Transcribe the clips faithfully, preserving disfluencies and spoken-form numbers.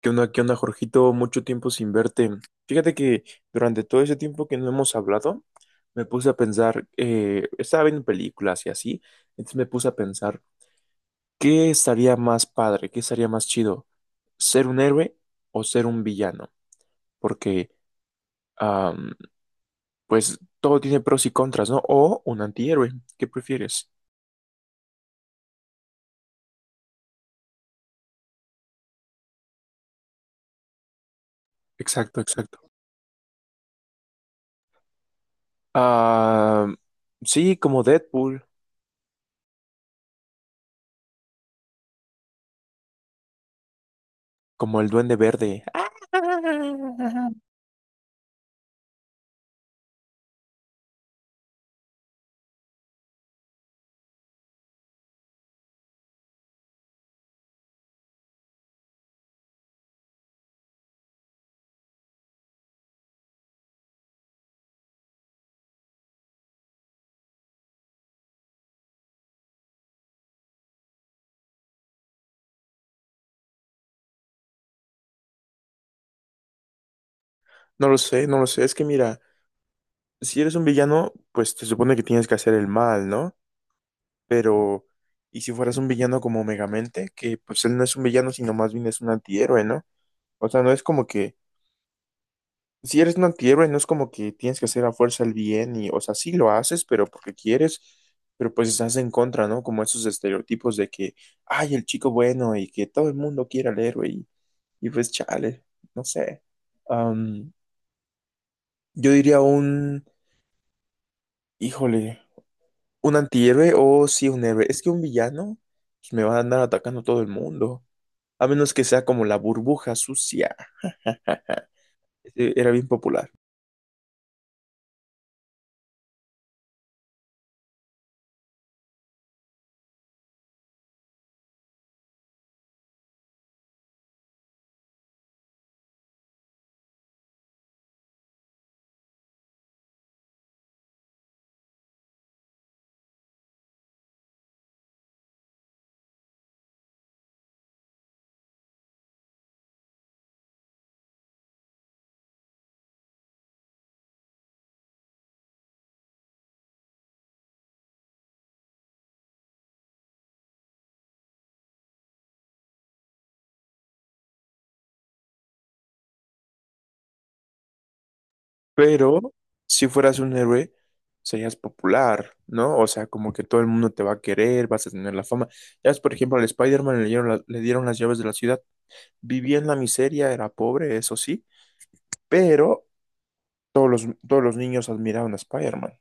¿Qué onda, qué onda, Jorgito? Mucho tiempo sin verte. Fíjate que durante todo ese tiempo que no hemos hablado, me puse a pensar, eh, estaba viendo películas y así, entonces me puse a pensar, ¿qué estaría más padre? ¿Qué estaría más chido? ¿Ser un héroe o ser un villano? Porque, am, pues, todo tiene pros y contras, ¿no? O un antihéroe, ¿qué prefieres? Exacto, exacto. Ah, sí, como Deadpool, como el Duende Verde. No lo sé, no lo sé. Es que mira, si eres un villano, pues te supone que tienes que hacer el mal, ¿no? Pero, ¿y si fueras un villano como Megamente? Que pues él no es un villano, sino más bien es un antihéroe, ¿no? O sea, no es como que, si eres un antihéroe, no es como que tienes que hacer a fuerza el bien y, o sea, sí lo haces, pero porque quieres, pero pues estás en contra, ¿no? Como esos estereotipos de que, ay, el chico bueno y que todo el mundo quiera al héroe y, y pues chale, no sé. Am, yo diría un, híjole. ¿Un antihéroe o sí un héroe? Es que un villano pues, me va a andar atacando todo el mundo. A menos que sea como la burbuja sucia. Ese era bien popular. Pero si fueras un héroe, serías popular, ¿no? O sea, como que todo el mundo te va a querer, vas a tener la fama. Ya ves, por ejemplo, al Spider-Man le dieron, la- le dieron las llaves de la ciudad. Vivía en la miseria, era pobre, eso sí. Pero todos los, todos los niños admiraban a Spider-Man.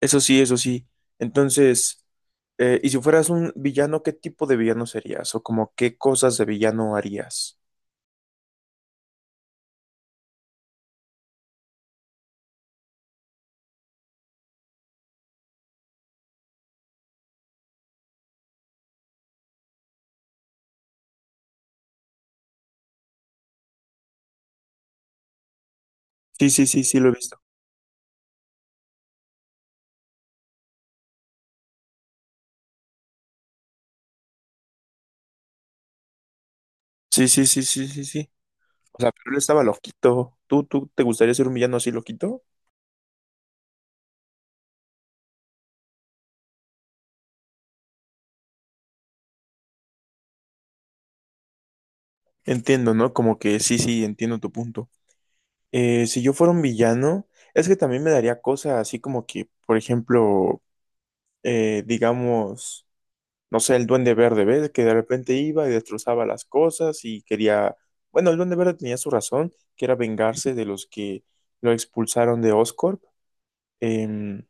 Eso sí, eso sí. Entonces, eh, y si fueras un villano, ¿qué tipo de villano serías? O como qué cosas de villano harías. Sí, sí, sí, sí, lo he visto. Sí, sí, sí, sí, sí, sí. O sea, pero él estaba loquito. ¿Tú, ¿tú te gustaría ser un villano así loquito? Entiendo, ¿no? Como que sí, sí, entiendo tu punto. Eh, si yo fuera un villano, es que también me daría cosas así como que, por ejemplo, eh, digamos. No sé, el Duende Verde, ¿ves? Que de repente iba y destrozaba las cosas y quería, bueno, el Duende Verde tenía su razón, que era vengarse de los que lo expulsaron de Oscorp. Em,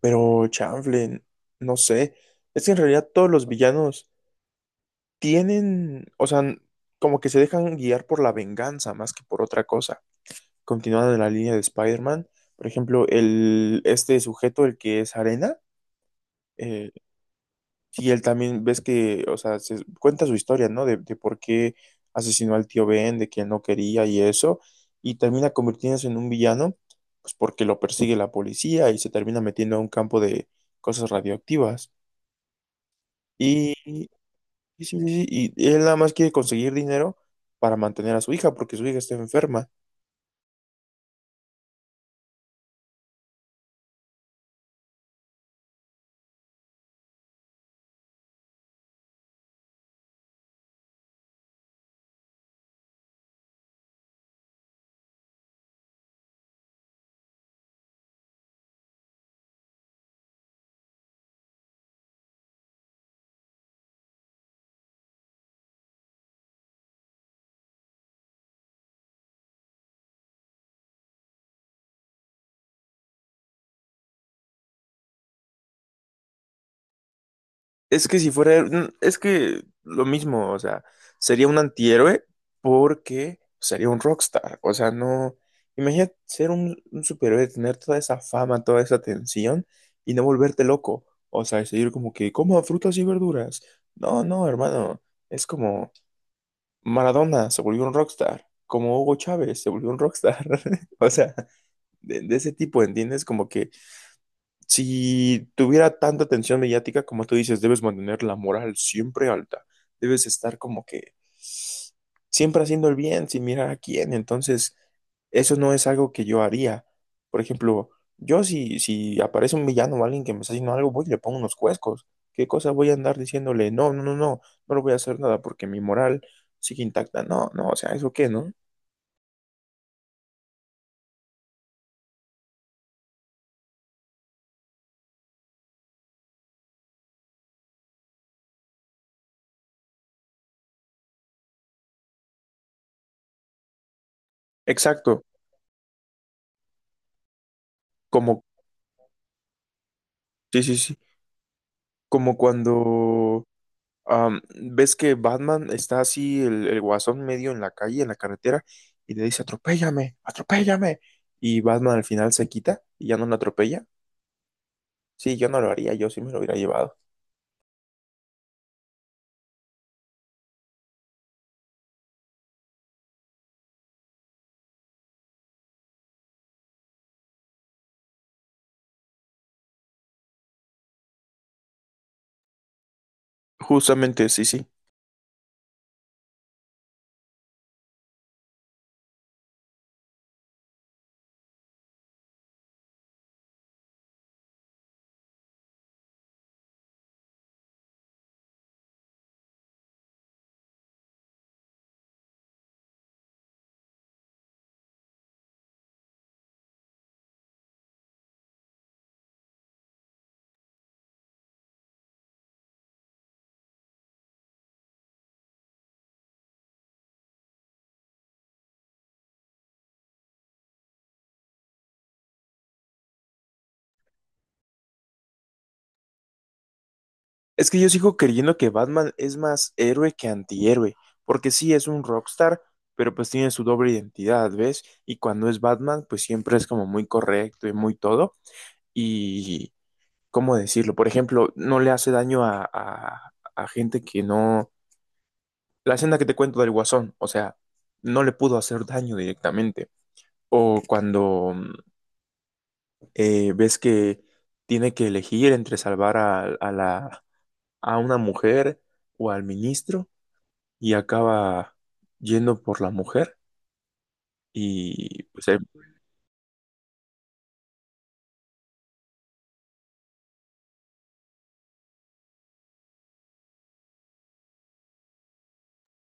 pero chanfle, no sé, es que en realidad todos los villanos tienen, o sea, como que se dejan guiar por la venganza más que por otra cosa. Continuando en la línea de Spider-Man, por ejemplo, el, este sujeto, el que es Arena, eh, sí, él también ves que, o sea, se, cuenta su historia, ¿no? De, de por qué asesinó al tío Ben, de que él no quería y eso, y termina convirtiéndose en un villano, pues porque lo persigue la policía y se termina metiendo a un campo de cosas radioactivas. Y, y, sí, sí, sí, y él nada más quiere conseguir dinero para mantener a su hija, porque su hija está enferma. Es que si fuera, mm, es que lo mismo, o sea, sería un antihéroe porque sería un rockstar. O sea, no, imagínate ser un, un superhéroe, tener toda esa fama, toda esa atención y no volverte loco. O sea, seguir como que coma frutas y verduras. No, no, hermano, es como Maradona se volvió un rockstar, como Hugo Chávez se volvió un rockstar. O sea, de, de ese tipo, ¿entiendes? Como que si tuviera tanta atención mediática como tú dices, debes mantener la moral siempre alta. Debes estar como que siempre haciendo el bien sin mirar a quién. Entonces, eso no es algo que yo haría. Por ejemplo, yo si, si aparece un villano o alguien que me está haciendo algo, voy y le pongo unos cuescos. ¿Qué cosa voy a andar diciéndole? No, no, no, no, no le voy a hacer nada porque mi moral sigue intacta. No, no, o sea, ¿eso qué, no? Exacto, como, sí, sí, sí, como cuando Am, ves que Batman está así, el, el guasón medio en la calle, en la carretera, y le dice, atropéllame, atropéllame. Y Batman al final se quita y ya no lo atropella. Sí, yo no lo haría, yo sí me lo hubiera llevado. Justamente, sí, sí. Es que yo sigo creyendo que Batman es más héroe que antihéroe, porque sí es un rockstar, pero pues tiene su doble identidad, ¿ves? Y cuando es Batman, pues siempre es como muy correcto y muy todo. Y, ¿cómo decirlo? Por ejemplo, no le hace daño a, a a gente que no. La escena que te cuento del Guasón, o sea, no le pudo hacer daño directamente. O cuando mm, eh, ves que tiene que elegir entre salvar a, a la, a una mujer o al ministro y acaba yendo por la mujer. Y pues, eh,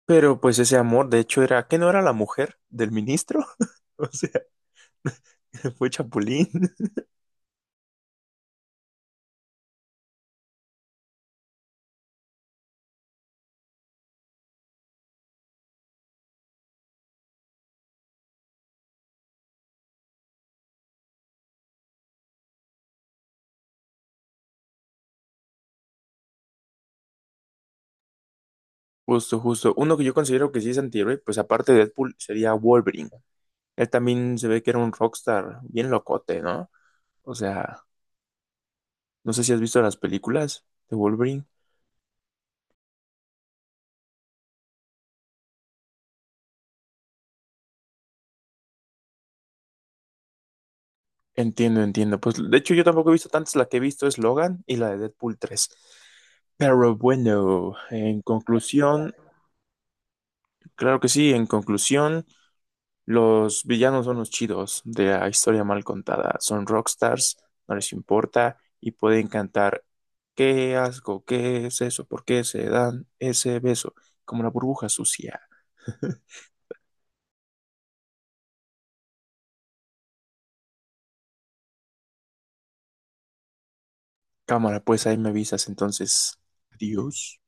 pero pues ese amor, de hecho, era que no era la mujer del ministro, o sea, fue Chapulín. Justo, justo. Uno que yo considero que sí es antihéroe, pues aparte de Deadpool, sería Wolverine. Él también se ve que era un rockstar bien locote, ¿no? O sea, no sé si has visto las películas de Wolverine. Entiendo, entiendo. Pues de hecho yo tampoco he visto tantas. La que he visto es Logan y la de Deadpool tres. Pero bueno, en conclusión, claro que sí, en conclusión, los villanos son los chidos de la historia mal contada. Son rockstars, no les importa y pueden cantar ¿qué asco? ¿Qué es eso? ¿Por qué se dan ese beso? Como la burbuja sucia. Cámara, pues ahí me avisas entonces. Adiós.